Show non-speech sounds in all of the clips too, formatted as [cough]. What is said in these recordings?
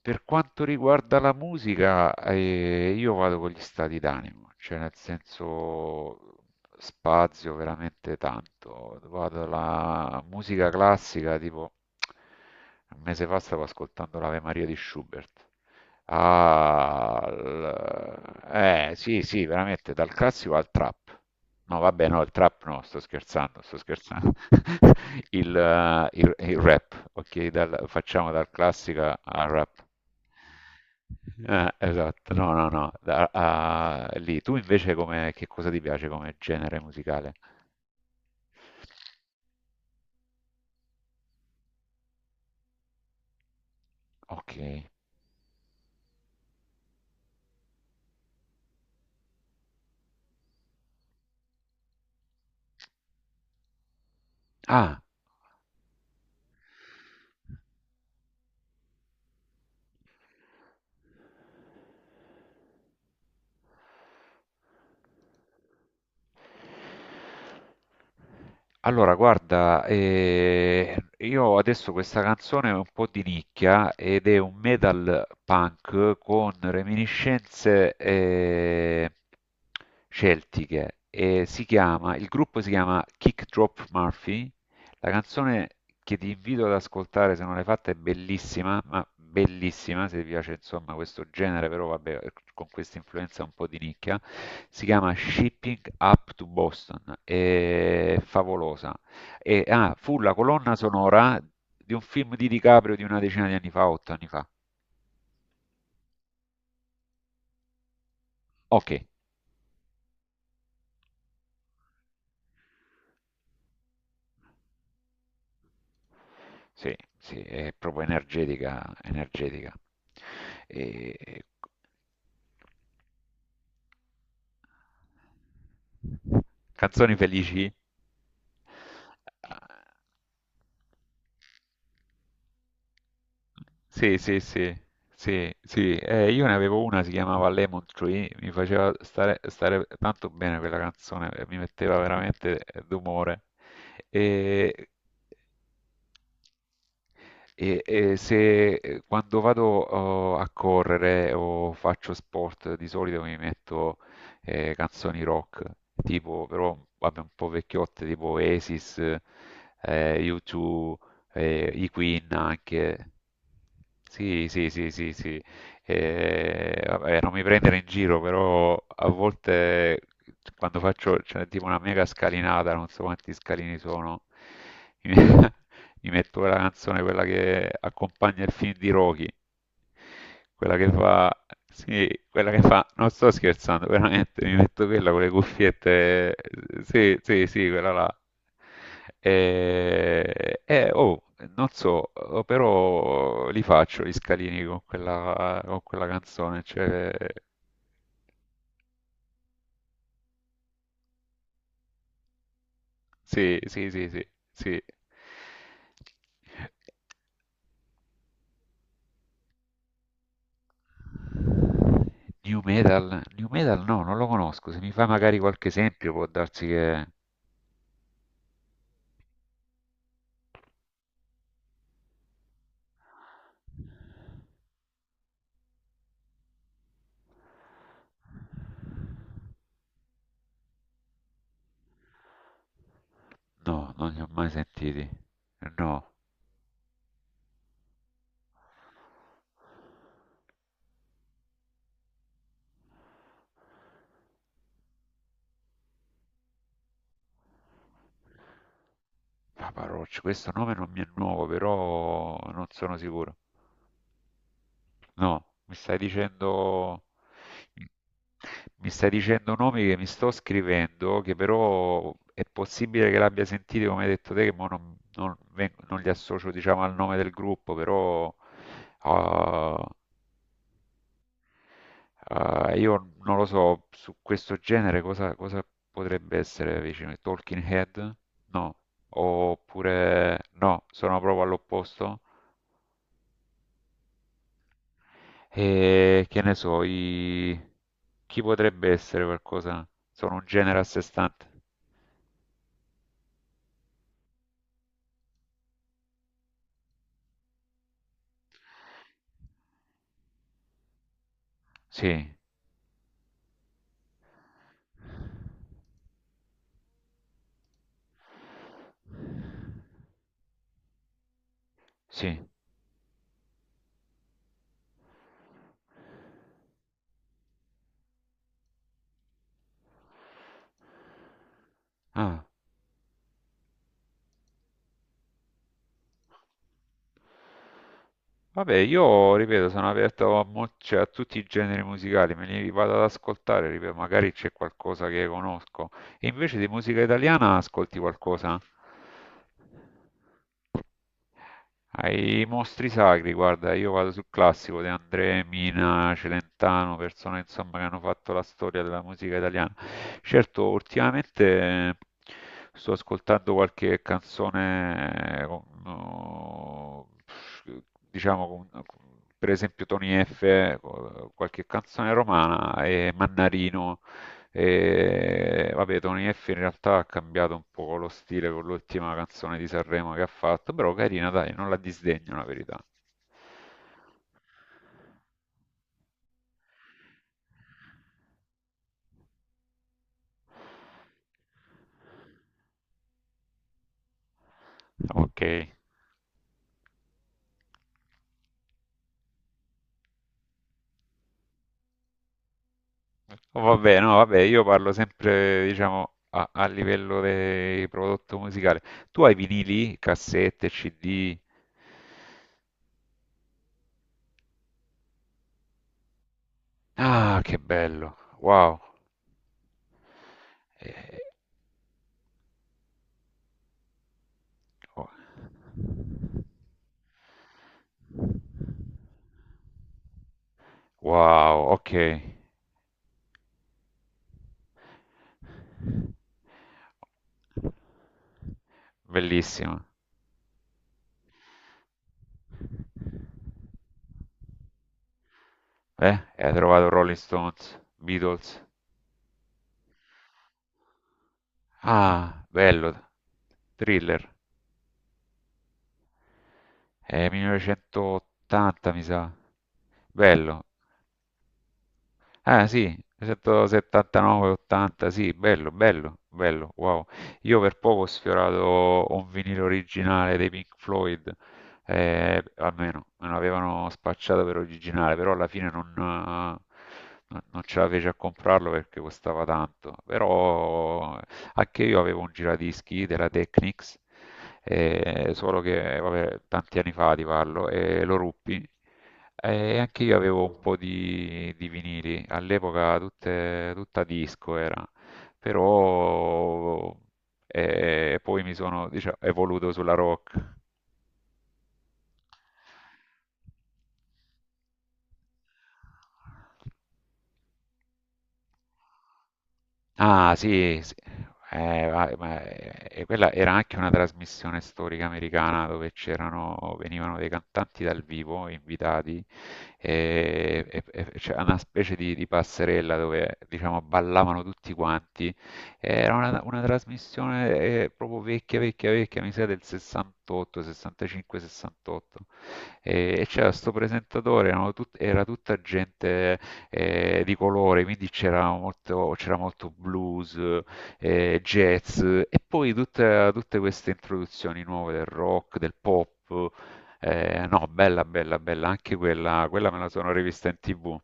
Per quanto riguarda la musica, io vado con gli stati d'animo, cioè nel senso spazio veramente tanto. Vado alla musica classica, tipo un mese fa stavo ascoltando l'Ave Maria di Schubert sì, sì, veramente dal classico al trap. No, vabbè, no, il trap no, sto scherzando, sto scherzando. [laughs] Il rap, ok, facciamo dal classico al rap. Esatto, no, no, no, lì. Tu invece come, che cosa ti piace come genere musicale? Ok. Ah, allora, guarda, io adesso questa canzone è un po' di nicchia ed è un metal punk con reminiscenze celtiche e si chiama, il gruppo si chiama Kick Drop Murphy, la canzone che ti invito ad ascoltare, se non l'hai fatta, è bellissima, ma bellissima, se ti piace insomma questo genere, però vabbè, con questa influenza un po' di nicchia, si chiama Shipping Up to Boston, è favolosa. Fu la colonna sonora di un film di DiCaprio di una decina di anni fa, otto anni fa. Ok, sì, sì, è proprio energetica, energetica. E- Canzoni felici? Sì, sì, sì, sì, sì. Io ne avevo una, si chiamava Lemon Tree, mi faceva stare tanto bene quella canzone, mi metteva veramente d'umore. E, se quando vado oh, a correre o faccio sport, di solito mi metto canzoni rock, tipo però vabbè, un po' vecchiotte, tipo Oasis, U2 e i Queen anche. Sì, sì, sì, sì, sì. E, vabbè, non mi prendere in giro, però a volte quando faccio, c'è tipo una mega scalinata, non so quanti scalini sono, [laughs] mi, mi metto quella canzone, quella che accompagna il film di Rocky, quella che fa, sì, quella che fa, non sto scherzando, veramente, mi metto quella con le cuffiette, sì, sì, sì, quella là. E, oh, non so, oh, però li faccio gli scalini con quella canzone. Cioè, sì, sì, sì, sì, sì. New Metal? New Metal no, non lo conosco. Se mi fa magari qualche esempio può darsi che... No, non li ho mai sentiti. No. Papa Roach, questo nome non mi è nuovo, però non sono sicuro. No, mi stai dicendo nomi che mi sto scrivendo, che però è possibile che l'abbia sentito, come hai detto te, che mo non, non li associo, diciamo, al nome del gruppo, però ah, ah, io non lo so, su questo genere cosa, cosa potrebbe essere vicino? Talking Head? No. Oppure no, sono proprio all'opposto? E che ne so, i... chi potrebbe essere qualcosa? Sono un genere a sé stante. Sì, sì. Ah. Vabbè, io ripeto, sono aperto a, cioè, a tutti i generi musicali, me li vado ad ascoltare, ripeto, magari c'è qualcosa che conosco. E invece di musica italiana ascolti qualcosa? Ai mostri sacri, guarda, io vado sul classico De André, Mina, Celentano, persone insomma che hanno fatto la storia della musica italiana. Certo, ultimamente sto ascoltando qualche canzone, no, diciamo, per esempio Tony F, qualche canzone romana e Mannarino. E vabbè, Tony F in realtà ha cambiato un po' lo stile con l'ultima canzone di Sanremo che ha fatto, però carina, dai, non la disdegno la verità. Ok, oh, vabbè, no, vabbè, io parlo sempre, diciamo, a, a livello di prodotto musicale. Tu hai vinili, cassette, CD? Ah, che bello, wow. Eh, oh. Wow, ok. Bellissimo. E hai trovato Rolling Stones, Beatles. Ah, bello. Thriller. È 1980, mi sa. Bello. Ah sì, 179, 80, sì, bello, bello, bello, wow. Io per poco ho sfiorato un vinile originale dei Pink Floyd, almeno me lo avevano spacciato per originale, però alla fine non, non ce la feci a comprarlo perché costava tanto. Però anche io avevo un giradischi della Technics, solo che vabbè, tanti anni fa ti parlo, e lo ruppi. E anche io avevo un po' di vinili, all'epoca tutta disco era, però poi mi sono, diciamo, evoluto sulla rock. Ah sì, sì. Quella era anche una trasmissione storica americana dove c'erano, venivano dei cantanti dal vivo invitati e c'era una specie di passerella dove diciamo ballavano tutti quanti. Era una trasmissione proprio vecchia, vecchia, vecchia, mi sa del 68, 65, 68. E c'era questo presentatore, era tutta gente di colore, quindi c'era molto blues, jazz e poi tutte queste introduzioni nuove del rock, del pop. No, bella, bella, bella, anche quella, quella me la sono rivista in TV.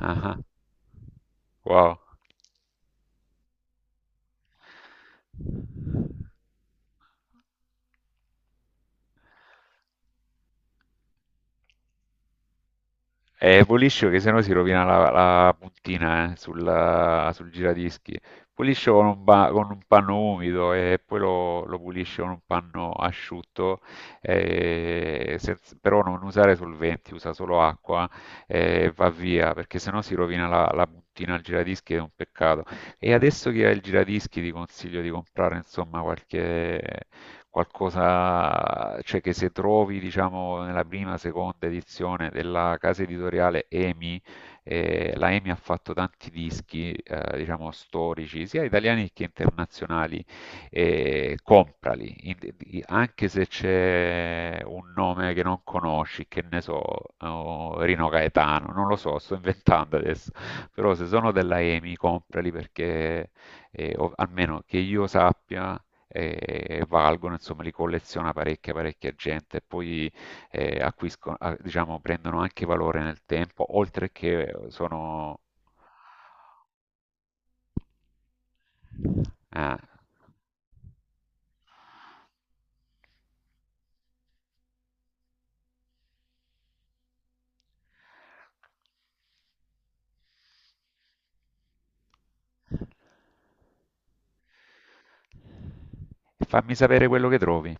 Ah, ah, wow. Puliscio che sennò si rovina la, la puntina sul, sul giradischi. Puliscio con un, con un panno umido e poi lo, lo puliscio con un panno asciutto, però non usare solventi, usa solo acqua e va via, perché sennò si rovina la, la puntina al giradischi ed è un peccato. E adesso che hai il giradischi ti consiglio di comprare insomma qualche qualcosa, cioè che se trovi, diciamo, nella prima, seconda edizione della casa editoriale EMI, la EMI ha fatto tanti dischi, diciamo, storici, sia italiani che internazionali, comprali, anche se c'è un nome che non conosci, che ne so, oh, Rino Gaetano, non lo so, sto inventando adesso, però se sono della EMI, comprali perché, almeno che io sappia, e valgono, insomma, li colleziona parecchia, parecchia gente e poi acquiscono, ah, diciamo, prendono anche valore nel tempo, oltre che sono... Ah. Fammi sapere quello che trovi.